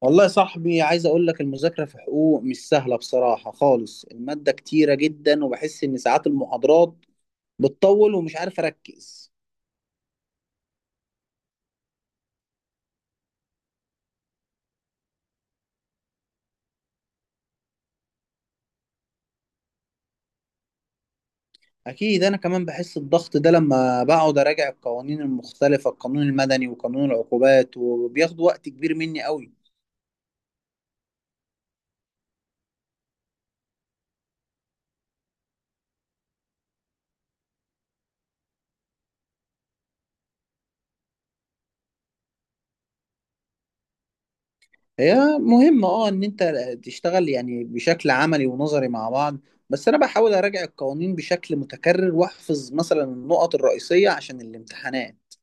والله يا صاحبي، عايز اقول لك المذاكره في حقوق مش سهله بصراحه خالص. الماده كتيره جدا وبحس ان ساعات المحاضرات بتطول ومش عارف اركز. اكيد انا كمان بحس الضغط ده لما بقعد اراجع القوانين المختلفه، القانون المدني وقانون العقوبات، وبياخد وقت كبير مني قوي. هي مهمه ان انت تشتغل يعني بشكل عملي ونظري مع بعض. بس انا بحاول اراجع القوانين بشكل متكرر واحفظ مثلا النقط الرئيسيه عشان الامتحانات.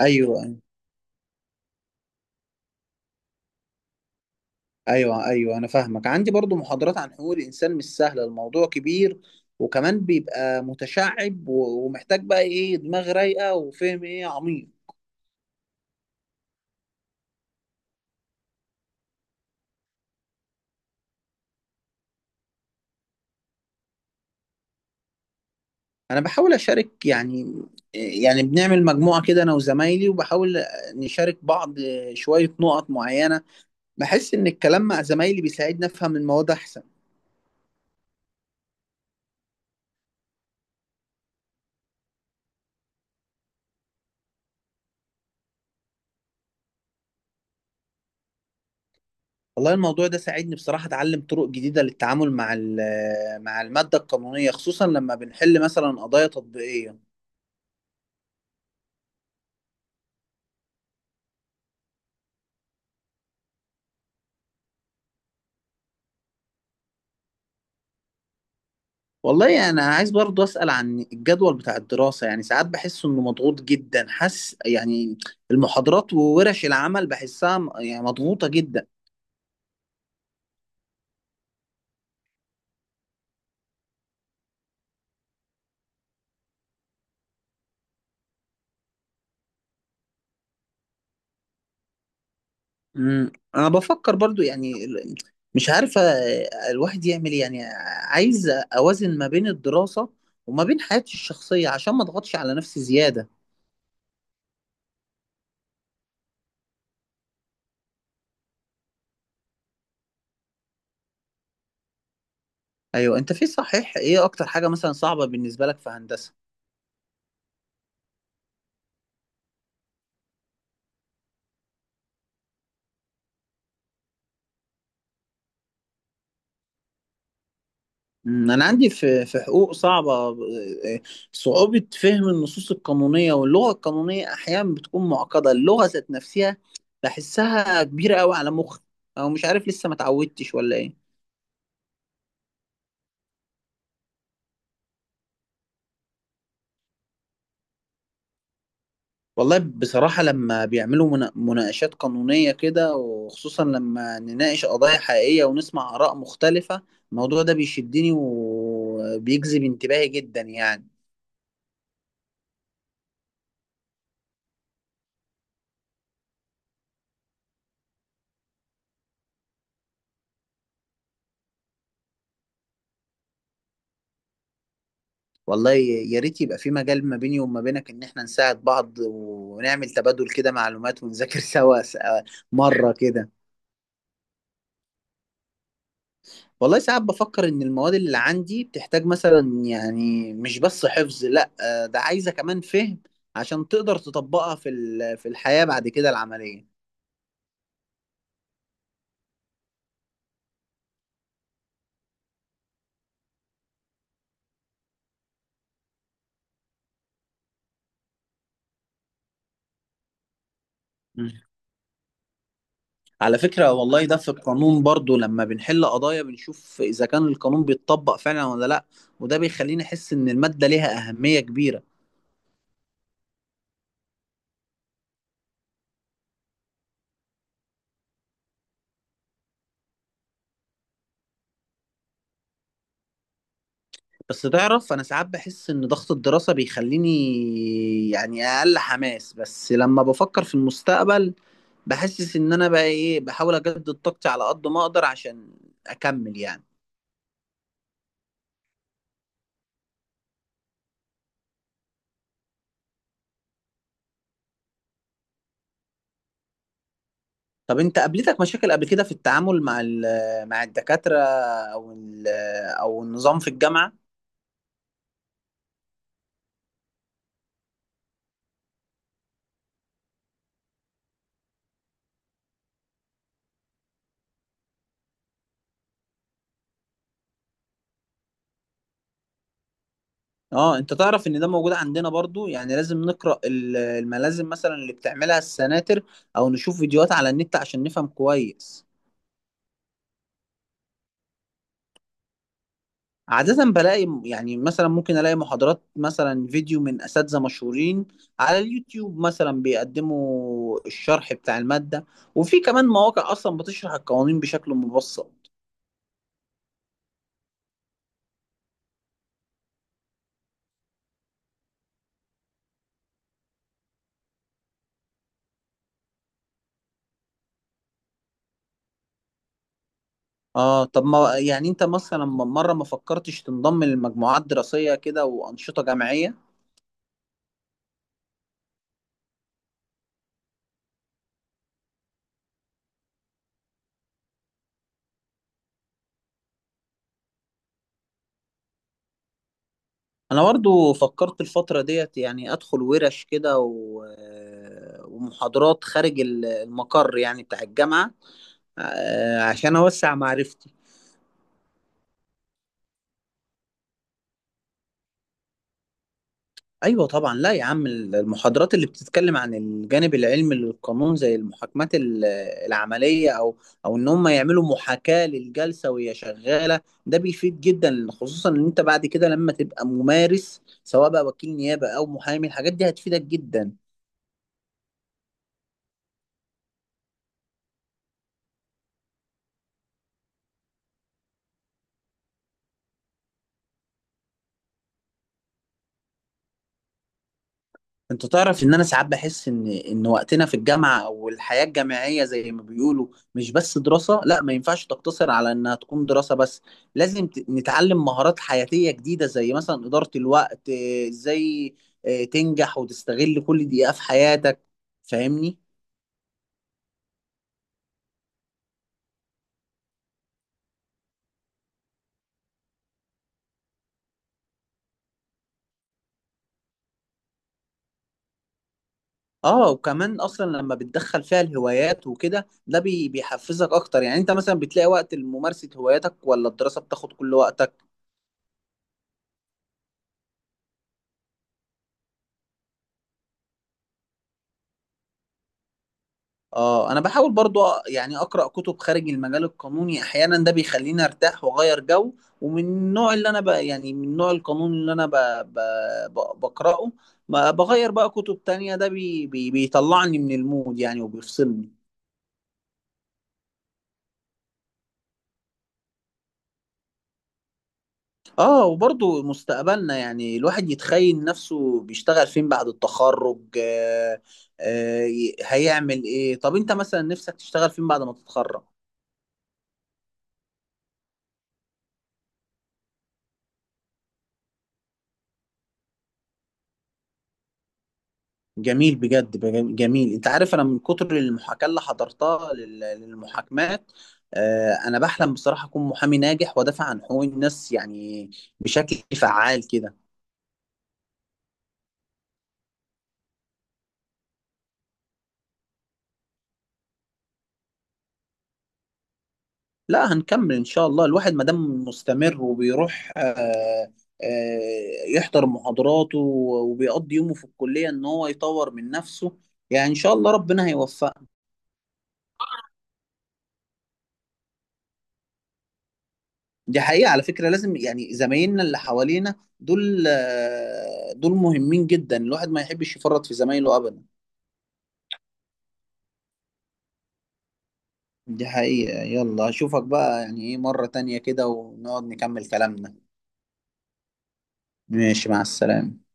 ايوه، أيوه. ايوه، ايوه، انا فاهمك. عندي برضو محاضرات عن حقوق الانسان، مش سهله، الموضوع كبير، وكمان بيبقى متشعب و- ومحتاج بقى ايه دماغ رايقه وفهم ايه عميق. انا بحاول اشارك يعني بنعمل مجموعه كده انا وزمايلي، وبحاول نشارك بعض شويه نقط معينه. بحس ان الكلام مع زمايلي بيساعدني افهم المواد احسن. والله الموضوع ده ساعدني بصراحه اتعلم طرق جديده للتعامل مع الماده القانونيه، خصوصا لما بنحل مثلا قضايا تطبيقيه. والله انا عايز برضو اسال عن الجدول بتاع الدراسه. يعني ساعات بحس انه مضغوط جدا، حاسس يعني المحاضرات وورش العمل بحسها يعني مضغوطه جدا. انا بفكر برضو يعني مش عارفه الواحد يعمل إيه. يعني عايز اوازن ما بين الدراسه وما بين حياتي الشخصيه، عشان ما اضغطش على نفسي زياده. ايوه، انت في صحيح. ايه اكتر حاجه مثلا صعبه بالنسبه لك في هندسه؟ أنا عندي في حقوق صعبة، صعوبة فهم النصوص القانونية واللغة القانونية. أحيانا بتكون معقدة اللغة ذات نفسها، بحسها كبيرة أوي على مخي، أو مش عارف لسه ما اتعودتش ولا إيه. والله بصراحة لما بيعملوا مناقشات قانونية كده، وخصوصا لما نناقش قضايا حقيقية ونسمع آراء مختلفة، الموضوع ده بيشدني وبيجذب انتباهي جدا يعني. والله يا ريت يبقى في مجال ما بيني وما بينك، ان احنا نساعد بعض ونعمل تبادل كده معلومات ونذاكر سوا مرة كده. والله ساعات بفكر ان المواد اللي عندي بتحتاج مثلا يعني مش بس حفظ، لا ده عايزة كمان فهم، عشان تقدر تطبقها في الحياة بعد كده العملية. مم. على فكرة والله ده في القانون برضو، لما بنحل قضايا بنشوف إذا كان القانون بيتطبق فعلا ولا لأ، وده بيخليني أحس إن المادة ليها أهمية كبيرة. بس تعرف انا ساعات بحس ان ضغط الدراسة بيخليني يعني اقل حماس، بس لما بفكر في المستقبل بحسس ان انا بقى ايه بحاول اجدد طاقتي على قد ما اقدر عشان اكمل يعني. طب انت، قابلتك مشاكل قبل كده في التعامل مع الدكاترة او او النظام في الجامعة؟ اه، انت تعرف ان ده موجود عندنا برضو. يعني لازم نقرأ الملازم مثلا اللي بتعملها السناتر، او نشوف فيديوهات على النت عشان نفهم كويس. عادة بلاقي يعني، مثلا ممكن ألاقي محاضرات مثلا فيديو من أساتذة مشهورين على اليوتيوب مثلا بيقدموا الشرح بتاع المادة، وفي كمان مواقع أصلا بتشرح القوانين بشكل مبسط. طب ما يعني، أنت مثلا مرة ما فكرتش تنضم لمجموعات دراسية كده وأنشطة جامعية؟ أنا برضو فكرت الفترة ديت، يعني أدخل ورش كده و... آه، ومحاضرات خارج المقر يعني بتاع الجامعة، عشان أوسع معرفتي. ايوه طبعا، لا يا عم، المحاضرات اللي بتتكلم عن الجانب العلمي للقانون زي المحاكمات العمليه، او ان هم يعملوا محاكاه للجلسه وهي شغاله، ده بيفيد جدا. خصوصا ان انت بعد كده لما تبقى ممارس، سواء بقى وكيل نيابه او محامي، الحاجات دي هتفيدك جدا. انت تعرف ان انا ساعات بحس ان وقتنا في الجامعه، او الحياه الجامعيه زي ما بيقولوا، مش بس دراسه، لا ما ينفعش تقتصر على انها تكون دراسه بس. لازم نتعلم مهارات حياتيه جديده زي مثلا اداره الوقت، ازاي اه، تنجح وتستغل كل دقيقه في حياتك، فاهمني؟ اه، وكمان اصلا لما بتدخل فيها الهوايات وكده، ده بيحفزك اكتر. يعني انت مثلا بتلاقي وقت لممارسه هواياتك، ولا الدراسه بتاخد كل وقتك؟ اه، انا بحاول برضو يعني اقرا كتب خارج المجال القانوني احيانا، ده بيخليني ارتاح واغير جو. ومن النوع اللي انا بقى يعني، من النوع القانون اللي انا ب... ب... ب... بقراه، ما بغير بقى كتب تانية، ده بيطلعني من المود يعني وبيفصلني. اه، وبرضو مستقبلنا، يعني الواحد يتخيل نفسه بيشتغل فين بعد التخرج، آه... هيعمل ايه؟ طب انت مثلا نفسك تشتغل فين بعد ما تتخرج؟ جميل، بجد جميل. انت عارف انا من كتر المحاكاة اللي حضرتها للمحاكمات، انا بحلم بصراحة اكون محامي ناجح وادافع عن حقوق الناس، يعني بشكل فعال كده. لا، هنكمل ان شاء الله. الواحد ما دام مستمر وبيروح يحضر محاضراته وبيقضي يومه في الكلية ان هو يطور من نفسه، يعني ان شاء الله ربنا هيوفقه. دي حقيقة على فكرة، لازم يعني زمايلنا اللي حوالينا دول مهمين جدا، الواحد ما يحبش يفرط في زمايله أبدا. دي حقيقة. يلا أشوفك بقى يعني إيه مرة تانية كده، ونقعد نكمل كلامنا. ماشي، مع السلامة.